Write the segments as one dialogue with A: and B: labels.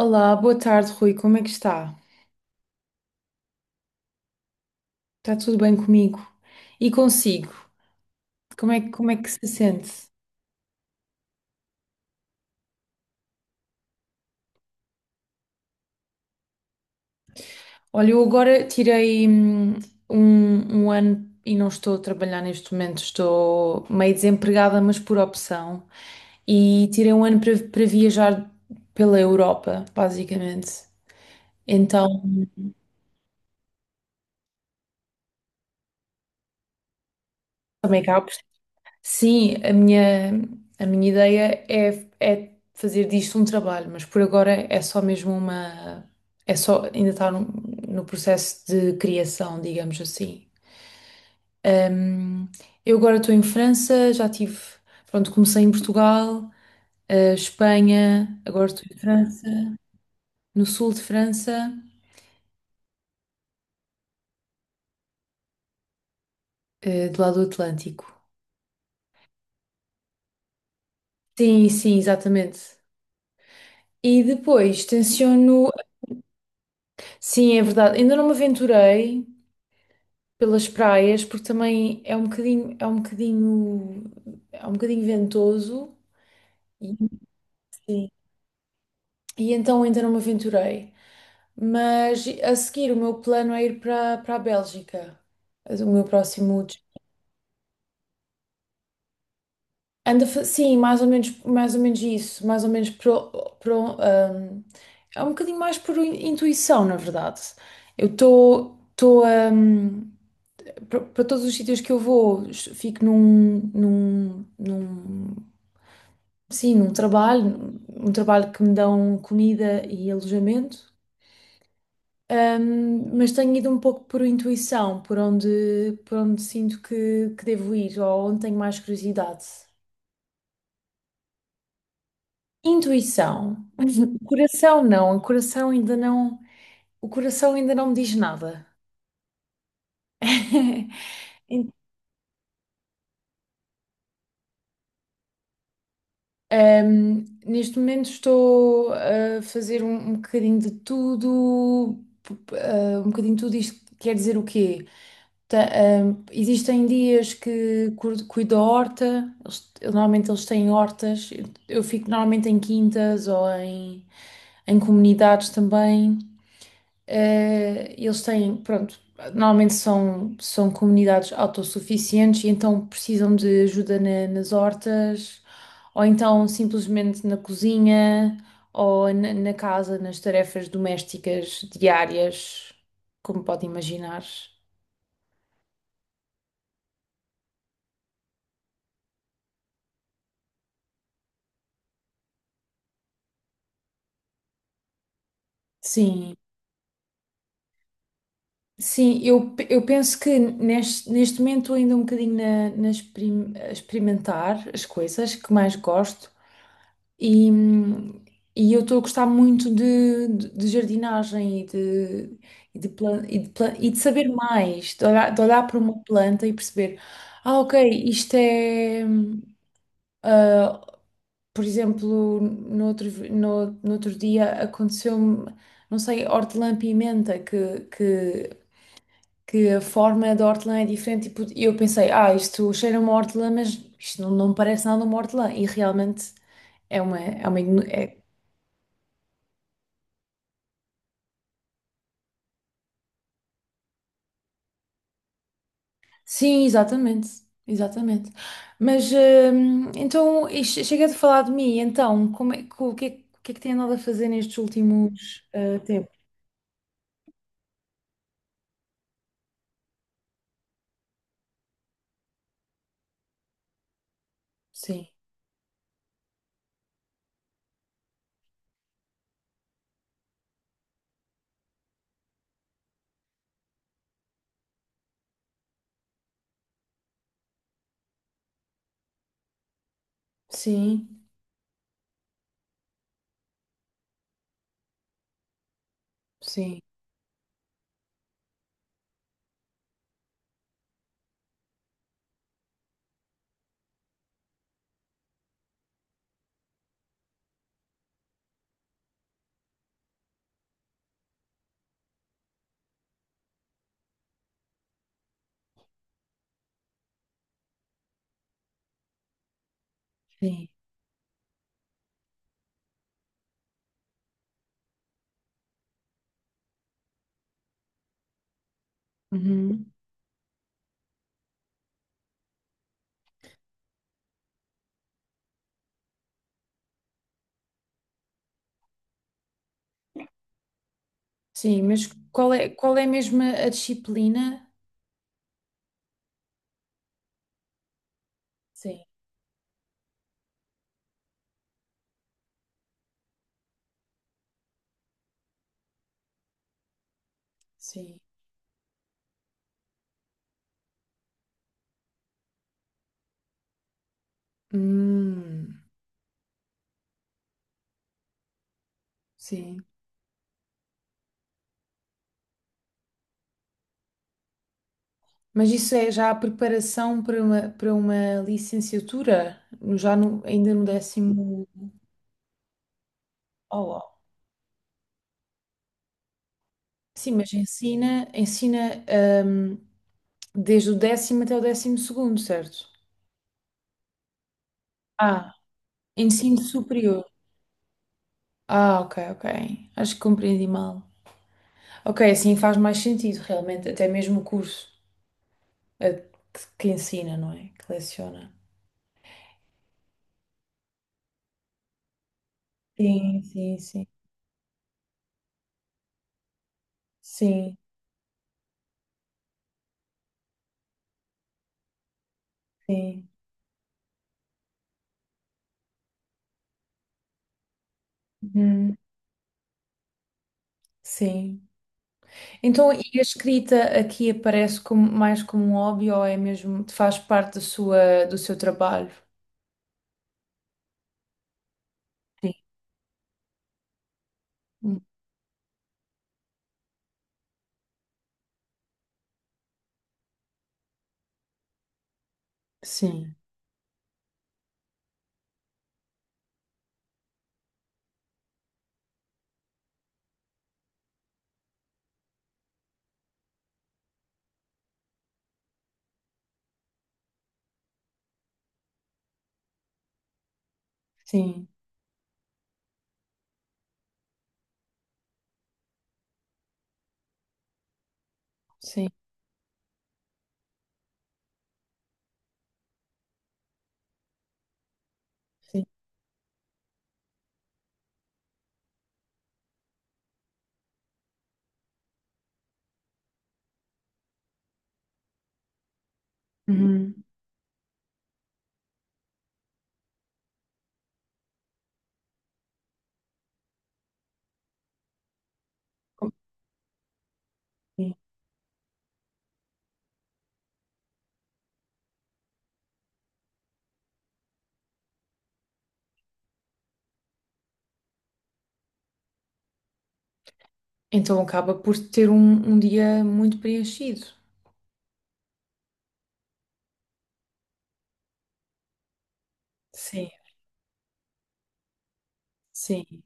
A: Olá, boa tarde, Rui. Como é que está? Está tudo bem comigo? E consigo? Como é que se sente? Olha, eu agora tirei um ano e não estou a trabalhar neste momento, estou meio desempregada, mas por opção. E tirei um ano para viajar pela Europa, basicamente. Então, também cá. Sim, a minha ideia é, fazer disto um trabalho, mas por agora é só mesmo uma. É só ainda está no processo de criação, digamos assim. Ahm, eu agora estou em França, já tive. Pronto, comecei em Portugal, Espanha, agora estou em França, no sul de França, do lado do Atlântico. Sim, sim, exatamente. E depois tenciono. Sim, é verdade, ainda não me aventurei pelas praias, porque também é um bocadinho ventoso e, sim, e então ainda não me aventurei. Mas a seguir o meu plano é ir para a Bélgica, o meu próximo des- anda, sim, mais ou menos isso, mais ou menos pro, ahm, é um bocadinho mais por intuição, na verdade. Eu estou para todos os sítios que eu vou, fico num, num, num sim, um trabalho, que me dão comida e alojamento. Mas tenho ido um pouco por intuição, por onde sinto que devo ir ou onde tenho mais curiosidade. Intuição. Coração não, o coração ainda não me diz nada. Então, neste momento estou a fazer um bocadinho de tudo. Um bocadinho de tudo, isto quer dizer o quê? Ta- Existem dias que cuido da horta, normalmente eles têm hortas, eu fico normalmente em quintas ou em comunidades também. Eles têm, pronto, normalmente são comunidades autossuficientes e então precisam de ajuda nas hortas, ou então simplesmente na cozinha, ou na casa, nas tarefas domésticas diárias, como pode imaginar. Sim, sim, eu penso que neste momento estou ainda um bocadinho a experimentar as coisas que mais gosto. E, hum, e eu estou a gostar muito de jardinagem e e de saber mais, de olhar para uma planta e perceber, ah, ok, isto é. Ah, por exemplo, no outro dia aconteceu-me, não sei, hortelã-pimenta, que a forma da hortelã é diferente. Tipo, e eu pensei, ah, isto cheira a uma hortelã, mas isto não parece nada uma hortelã. E realmente. É uma, igno- é Sim, exatamente, exatamente. Mas então e chega de falar de mim. Então, o que é, que o que é que tem andado a fazer nestes últimos tempos? Sim, sim, sim, sim. Uhum. Sim, mas qual é mesmo a disciplina? Sim, sim. Hum, sim. Mas isso é já a preparação para para uma licenciatura? Já ainda no décimo. Oh, sim, mas ensina, hum, desde o décimo até o décimo segundo, certo? Ah, ensino superior. Ah, ok, ok. Acho que compreendi mal. Ok, assim faz mais sentido, realmente, até mesmo o curso eh, que ensina, não é? Que leciona. Sim, sim, sim. Sim, sim. Uhum, sim. Então, e a escrita aqui aparece como, mais como um hobby ou é mesmo, faz parte da sua, do seu trabalho? Sim. Sim, sim, sim. Sim. Uhum. Sim. Então acaba por ter um dia muito preenchido. Sim, sim,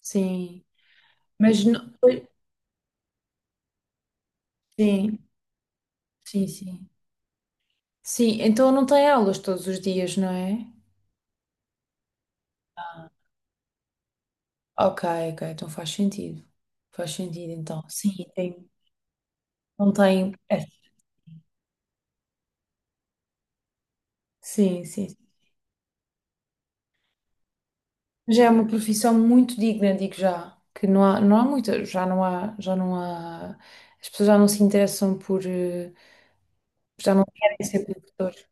A: sim. Mas não... Sim, sim, sim. Sim, então não tem aulas todos os dias, não é? Ok, ok, então faz sentido. Faz sentido, então. Sim, tem. Não tem. É, sim, sim. Já é uma profissão muito digna, digo já. Que não há muita, já não há. As pessoas já não se interessam por. Já não querem ser produtores.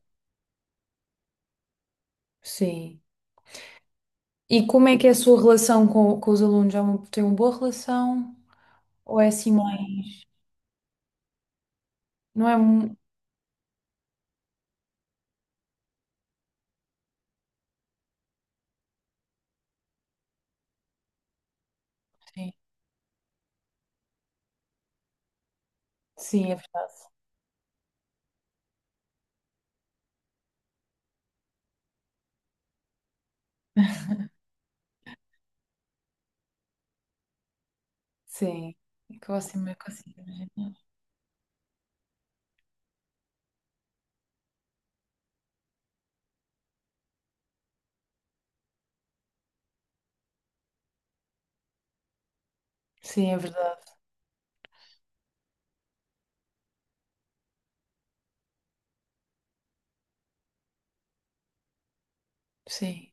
A: Sim. E como é que é a sua relação com os alunos? Tem uma boa relação? Ou é assim mais. Não é. Sim, sim, é verdade. Sim. É que eu assim meio consigo imaginar. Sim, é verdade. Sim.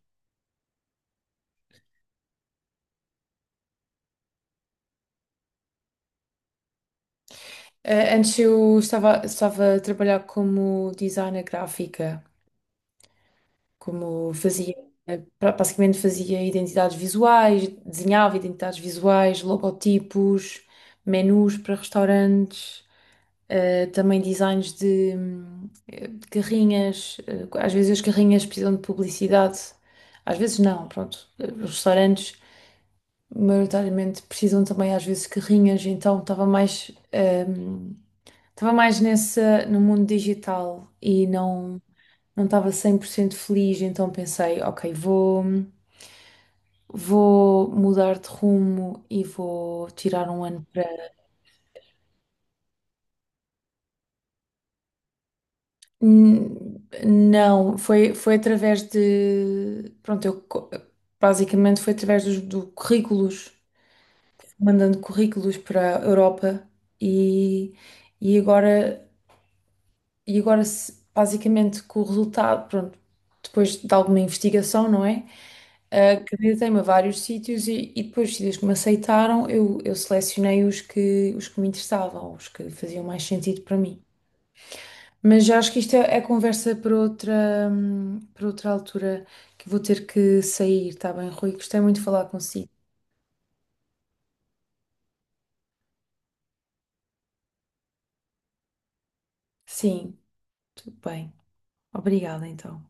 A: Antes eu estava a trabalhar como designer gráfica, como fazia, basicamente fazia identidades visuais, desenhava identidades visuais, logotipos, menus para restaurantes. Também designs de carrinhas, às vezes as carrinhas precisam de publicidade, às vezes não, pronto. Os restaurantes, maioritariamente, precisam também às vezes de carrinhas, então estava mais, hum, nessa, no mundo digital e não estava 100% feliz, então pensei, ok, vou mudar de rumo e vou tirar um ano. Não, foi, através de. Pronto, basicamente foi através dos do currículos, mandando currículos para a Europa e, e agora, e agora basicamente com o resultado, pronto, depois de alguma investigação, não é? Ah, candidatei-me a vários sítios e depois os sítios que me aceitaram, eu selecionei os que me interessavam, os que faziam mais sentido para mim. Mas já acho que isto é conversa para para outra altura, que vou ter que sair, está bem, Rui? Gostei muito de falar consigo. Sim, tudo bem. Obrigada, então.